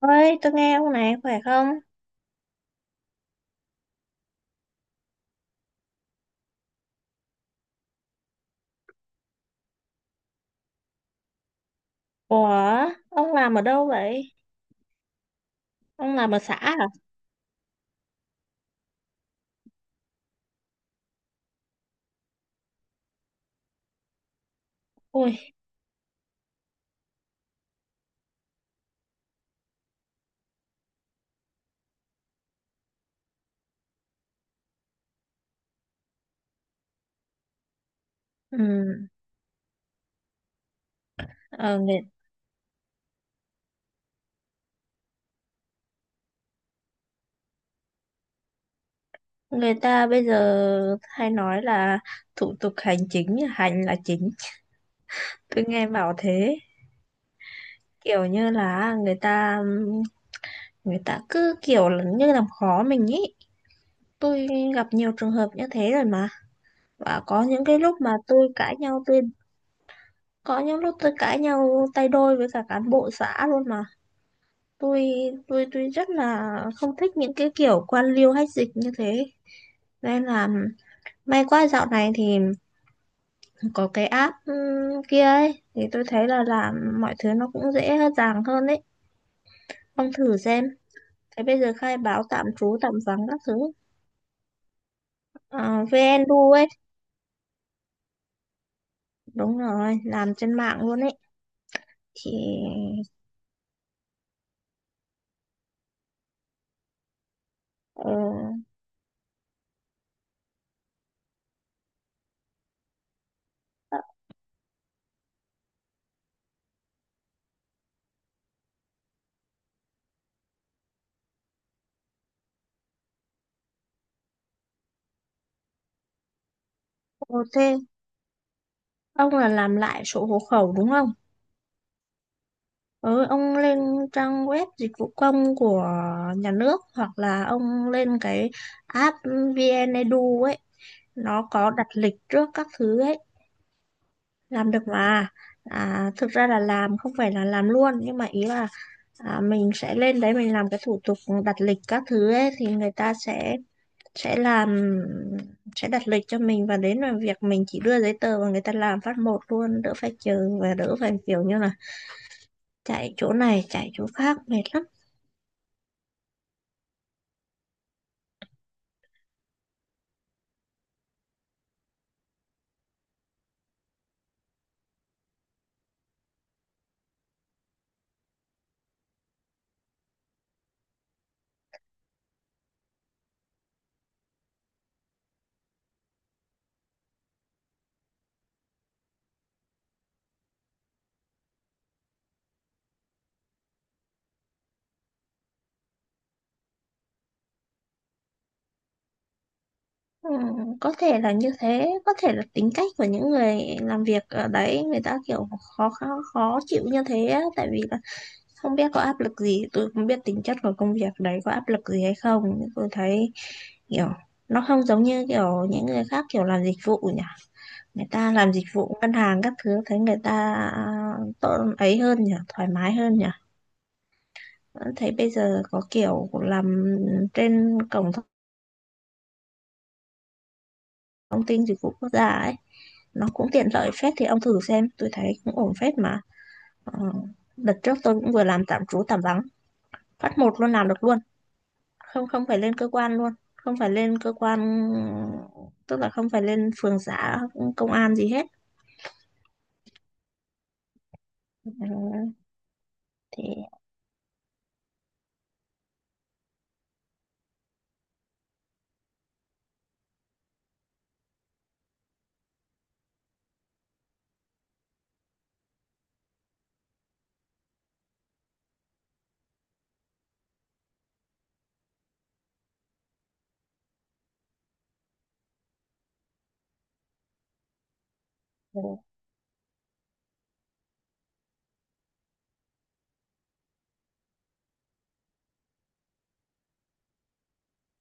Ơi, tôi nghe ông này khỏe không? Ủa, ông làm ở đâu vậy? Ông làm ở xã à? Ui, ừ, ờ, người, người ta bây giờ hay nói là thủ tục hành chính, hành là chính. Tôi nghe bảo thế, kiểu như là người ta cứ kiểu là như làm khó mình ý. Tôi gặp nhiều trường hợp như thế rồi mà. Và có những cái lúc mà tôi cãi nhau, tôi có những lúc tôi cãi nhau tay đôi với cả cán bộ xã luôn mà. tôi tôi rất là không thích những cái kiểu quan liêu hách dịch như thế, nên là may quá dạo này thì có cái app kia ấy thì tôi thấy là làm mọi thứ nó cũng dễ dàng hơn ấy. Ông thử xem, thế bây giờ khai báo tạm trú tạm vắng các thứ, VNU ấy. Đúng rồi, làm trên mạng luôn ấy thì. uh, ok, ông là làm lại sổ hộ khẩu đúng không? Ừ, ông lên trang web dịch vụ công của nhà nước hoặc là ông lên cái app VnEdu ấy, nó có đặt lịch trước các thứ ấy, làm được mà. À, thực ra là làm không phải là làm luôn nhưng mà ý là à, mình sẽ lên đấy mình làm cái thủ tục đặt lịch các thứ ấy thì người ta sẽ làm sẽ đặt lịch cho mình và đến làm việc mình chỉ đưa giấy tờ và người ta làm phát một luôn, đỡ phải chờ và đỡ phải kiểu như là chạy chỗ này chạy chỗ khác mệt lắm. Ừ, có thể là như thế, có thể là tính cách của những người làm việc ở đấy, người ta kiểu khó khó, khó chịu như thế á, tại vì là không biết có áp lực gì, tôi không biết tính chất của công việc đấy có áp lực gì hay không nhưng tôi thấy kiểu nó không giống như kiểu những người khác kiểu làm dịch vụ nhỉ. Người ta làm dịch vụ ngân hàng các thứ thấy người ta tốt ấy, hơn nhỉ, thoải mái hơn nhỉ. Vẫn thấy bây giờ có kiểu làm trên cổng thông tin dịch vụ quốc gia ấy nó cũng tiện lợi phết, thì ông thử xem, tôi thấy cũng ổn phết mà. ờ, Đợt trước tôi cũng vừa làm tạm trú tạm vắng phát một luôn, làm được luôn, không không phải lên cơ quan luôn không phải lên cơ quan, tức là không phải lên phường xã công an gì hết. Ừ, thì ừ,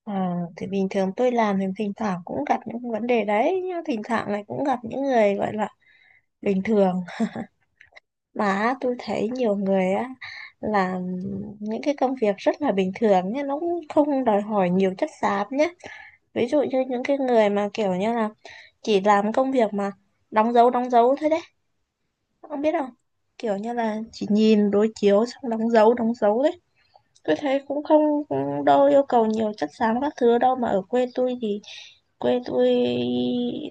thì bình thường tôi làm thì thỉnh thoảng cũng gặp những vấn đề đấy nhưng thỉnh thoảng này cũng gặp những người gọi là bình thường. Mà tôi thấy nhiều người á làm những cái công việc rất là bình thường nhé, nó cũng không đòi hỏi nhiều chất xám nhé. Ví dụ như những cái người mà kiểu như là chỉ làm công việc mà đóng dấu thôi đấy, ông biết không? Kiểu như là chỉ nhìn đối chiếu xong đóng dấu đấy. Tôi thấy cũng không, cũng đâu yêu cầu nhiều chất xám các thứ đâu, mà ở quê tôi thì quê tôi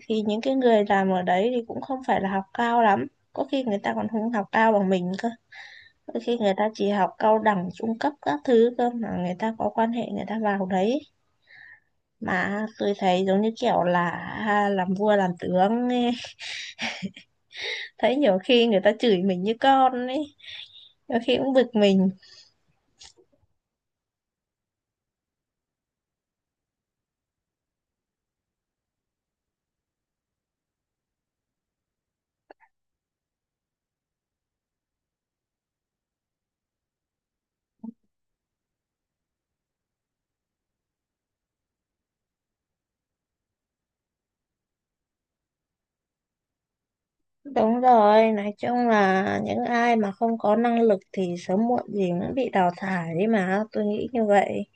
những cái người làm ở đấy thì cũng không phải là học cao lắm. Có khi người ta còn không học cao bằng mình cơ. Đôi khi người ta chỉ học cao đẳng trung cấp các thứ cơ mà người ta có quan hệ người ta vào đấy, mà tôi thấy giống như kiểu là à, làm vua làm tướng ấy. Thấy nhiều khi người ta chửi mình như con ấy, nhiều khi cũng bực mình. Đúng rồi, nói chung là những ai mà không có năng lực thì sớm muộn gì cũng bị đào thải đấy, mà tôi nghĩ như vậy.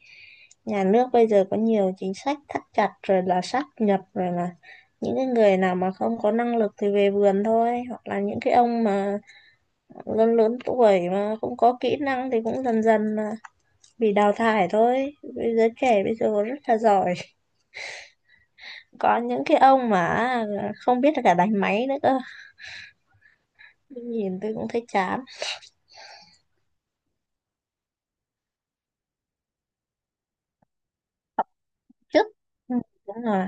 Nhà nước bây giờ có nhiều chính sách thắt chặt rồi, là sáp nhập rồi, là những cái người nào mà không có năng lực thì về vườn thôi, hoặc là những cái ông mà lớn lớn tuổi mà không có kỹ năng thì cũng dần dần mà bị đào thải thôi. Bây giờ trẻ bây giờ rất là giỏi, có những cái ông mà không biết là cả đánh máy nữa cơ, nhìn tôi cũng thấy chán. Trước, ừ, đúng rồi,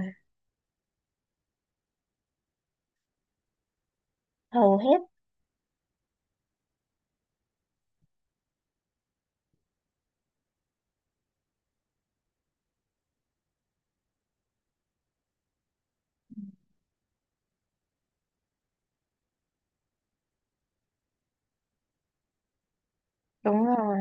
hầu hết, đúng rồi.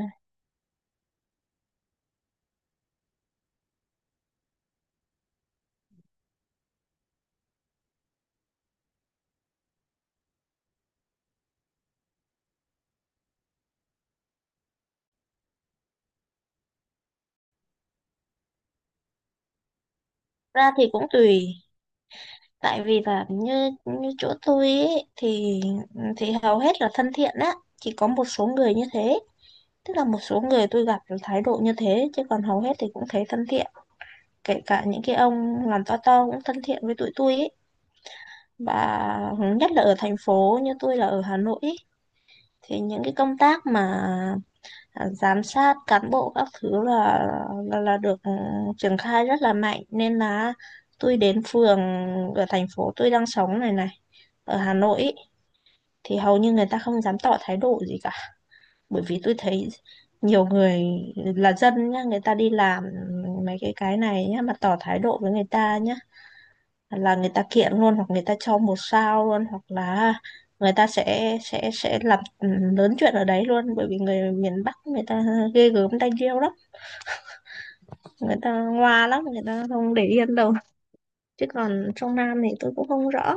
Ra thì cũng tùy, tại vì là như như chỗ tôi ấy, thì ừ, thì hầu hết là thân thiện á, chỉ có một số người như thế, tức là một số người tôi gặp được thái độ như thế chứ còn hầu hết thì cũng thấy thân thiện, kể cả những cái ông làm to cũng thân thiện với tụi tôi ấy. Và nhất là ở thành phố như tôi là ở Hà Nội ý, thì những cái công tác mà à, giám sát cán bộ các thứ là là được ừ, triển khai rất là mạnh, nên là tôi đến phường ở thành phố tôi đang sống này này, ở Hà Nội ý, thì hầu như người ta không dám tỏ thái độ gì cả. Bởi vì tôi thấy nhiều người là dân nhá, người ta đi làm mấy cái này nhá mà tỏ thái độ với người ta nhá là người ta kiện luôn hoặc người ta cho một sao luôn hoặc là người ta sẽ làm ừ, lớn chuyện ở đấy luôn, bởi vì người miền Bắc người ta ghê gớm tay điêu lắm, người ta ngoa lắm, người ta không để yên đâu, chứ còn trong Nam thì tôi cũng không rõ.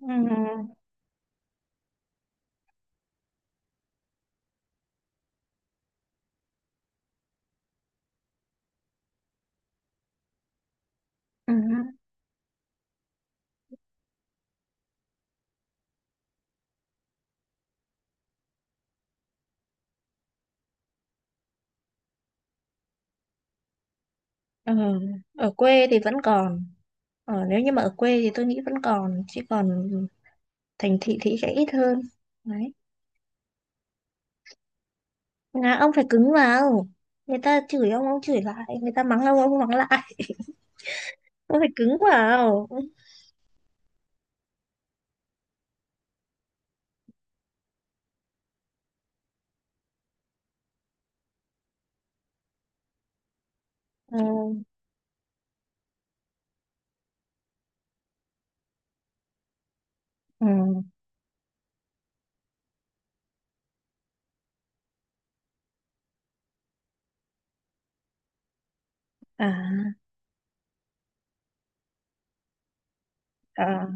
Ừ. Ừ. Ừ. Ở quê thì vẫn còn, ở nếu như mà ở quê thì tôi nghĩ vẫn còn, chứ còn thành thị thì sẽ ít hơn. Đấy, là ông phải cứng vào, người ta chửi ông chửi lại, người ta mắng ông mắng lại ông phải cứng vào. Ừ. Ừ, ừ, à, à,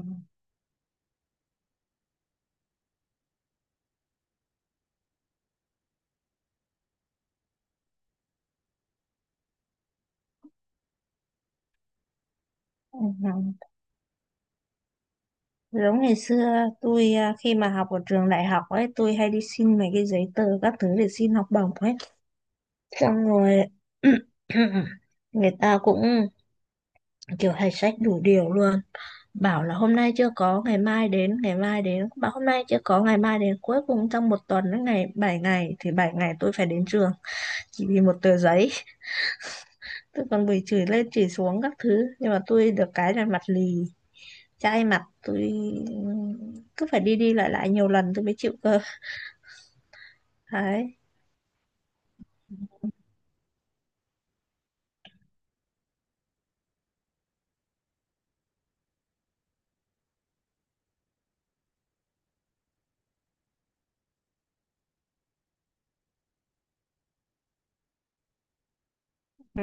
ừ, ừ. Giống ngày xưa tôi à, khi mà học ở trường đại học ấy tôi hay đi xin mấy cái giấy tờ các thứ để xin học bổng ấy, xong rồi người ta cũng kiểu hay sách đủ điều luôn, bảo là hôm nay chưa có ngày mai đến, ngày mai đến bảo hôm nay chưa có ngày mai đến, cuối cùng trong một tuần đến ngày 7 ngày thì 7 ngày tôi phải đến trường, chỉ vì một tờ giấy. Tôi còn bị chửi lên chửi xuống các thứ nhưng mà tôi được cái là mặt lì, chai mặt, tôi cứ phải đi đi lại lại nhiều lần tôi mới chịu cơ. Đấy. Ừ.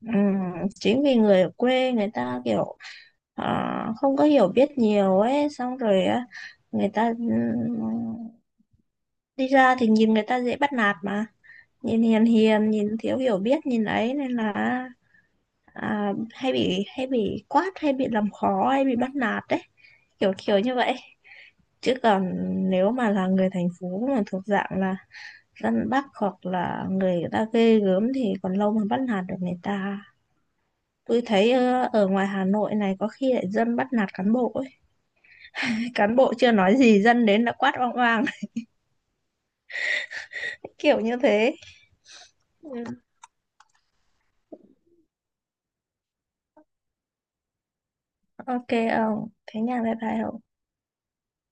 Ừ. Chính vì người ở quê người ta kiểu à, không có hiểu biết nhiều ấy, xong rồi á, người ta ừ, đi ra thì nhìn người ta dễ bắt nạt mà, nhìn hiền hiền nhìn thiếu hiểu biết nhìn ấy, nên là à, hay bị quát, hay bị làm khó, hay bị bắt nạt đấy, kiểu kiểu như vậy. Chứ còn nếu mà là người thành phố mà thuộc dạng là răn bắt hoặc là người ta ghê gớm thì còn lâu mới bắt nạt được người ta. Tôi thấy ở ngoài Hà Nội này có khi lại dân bắt nạt cán bộ ấy. cán bộ chưa nói gì dân đến đã quát oang oang kiểu như thế. Ừ, ok ông thế nha, bye bye ông.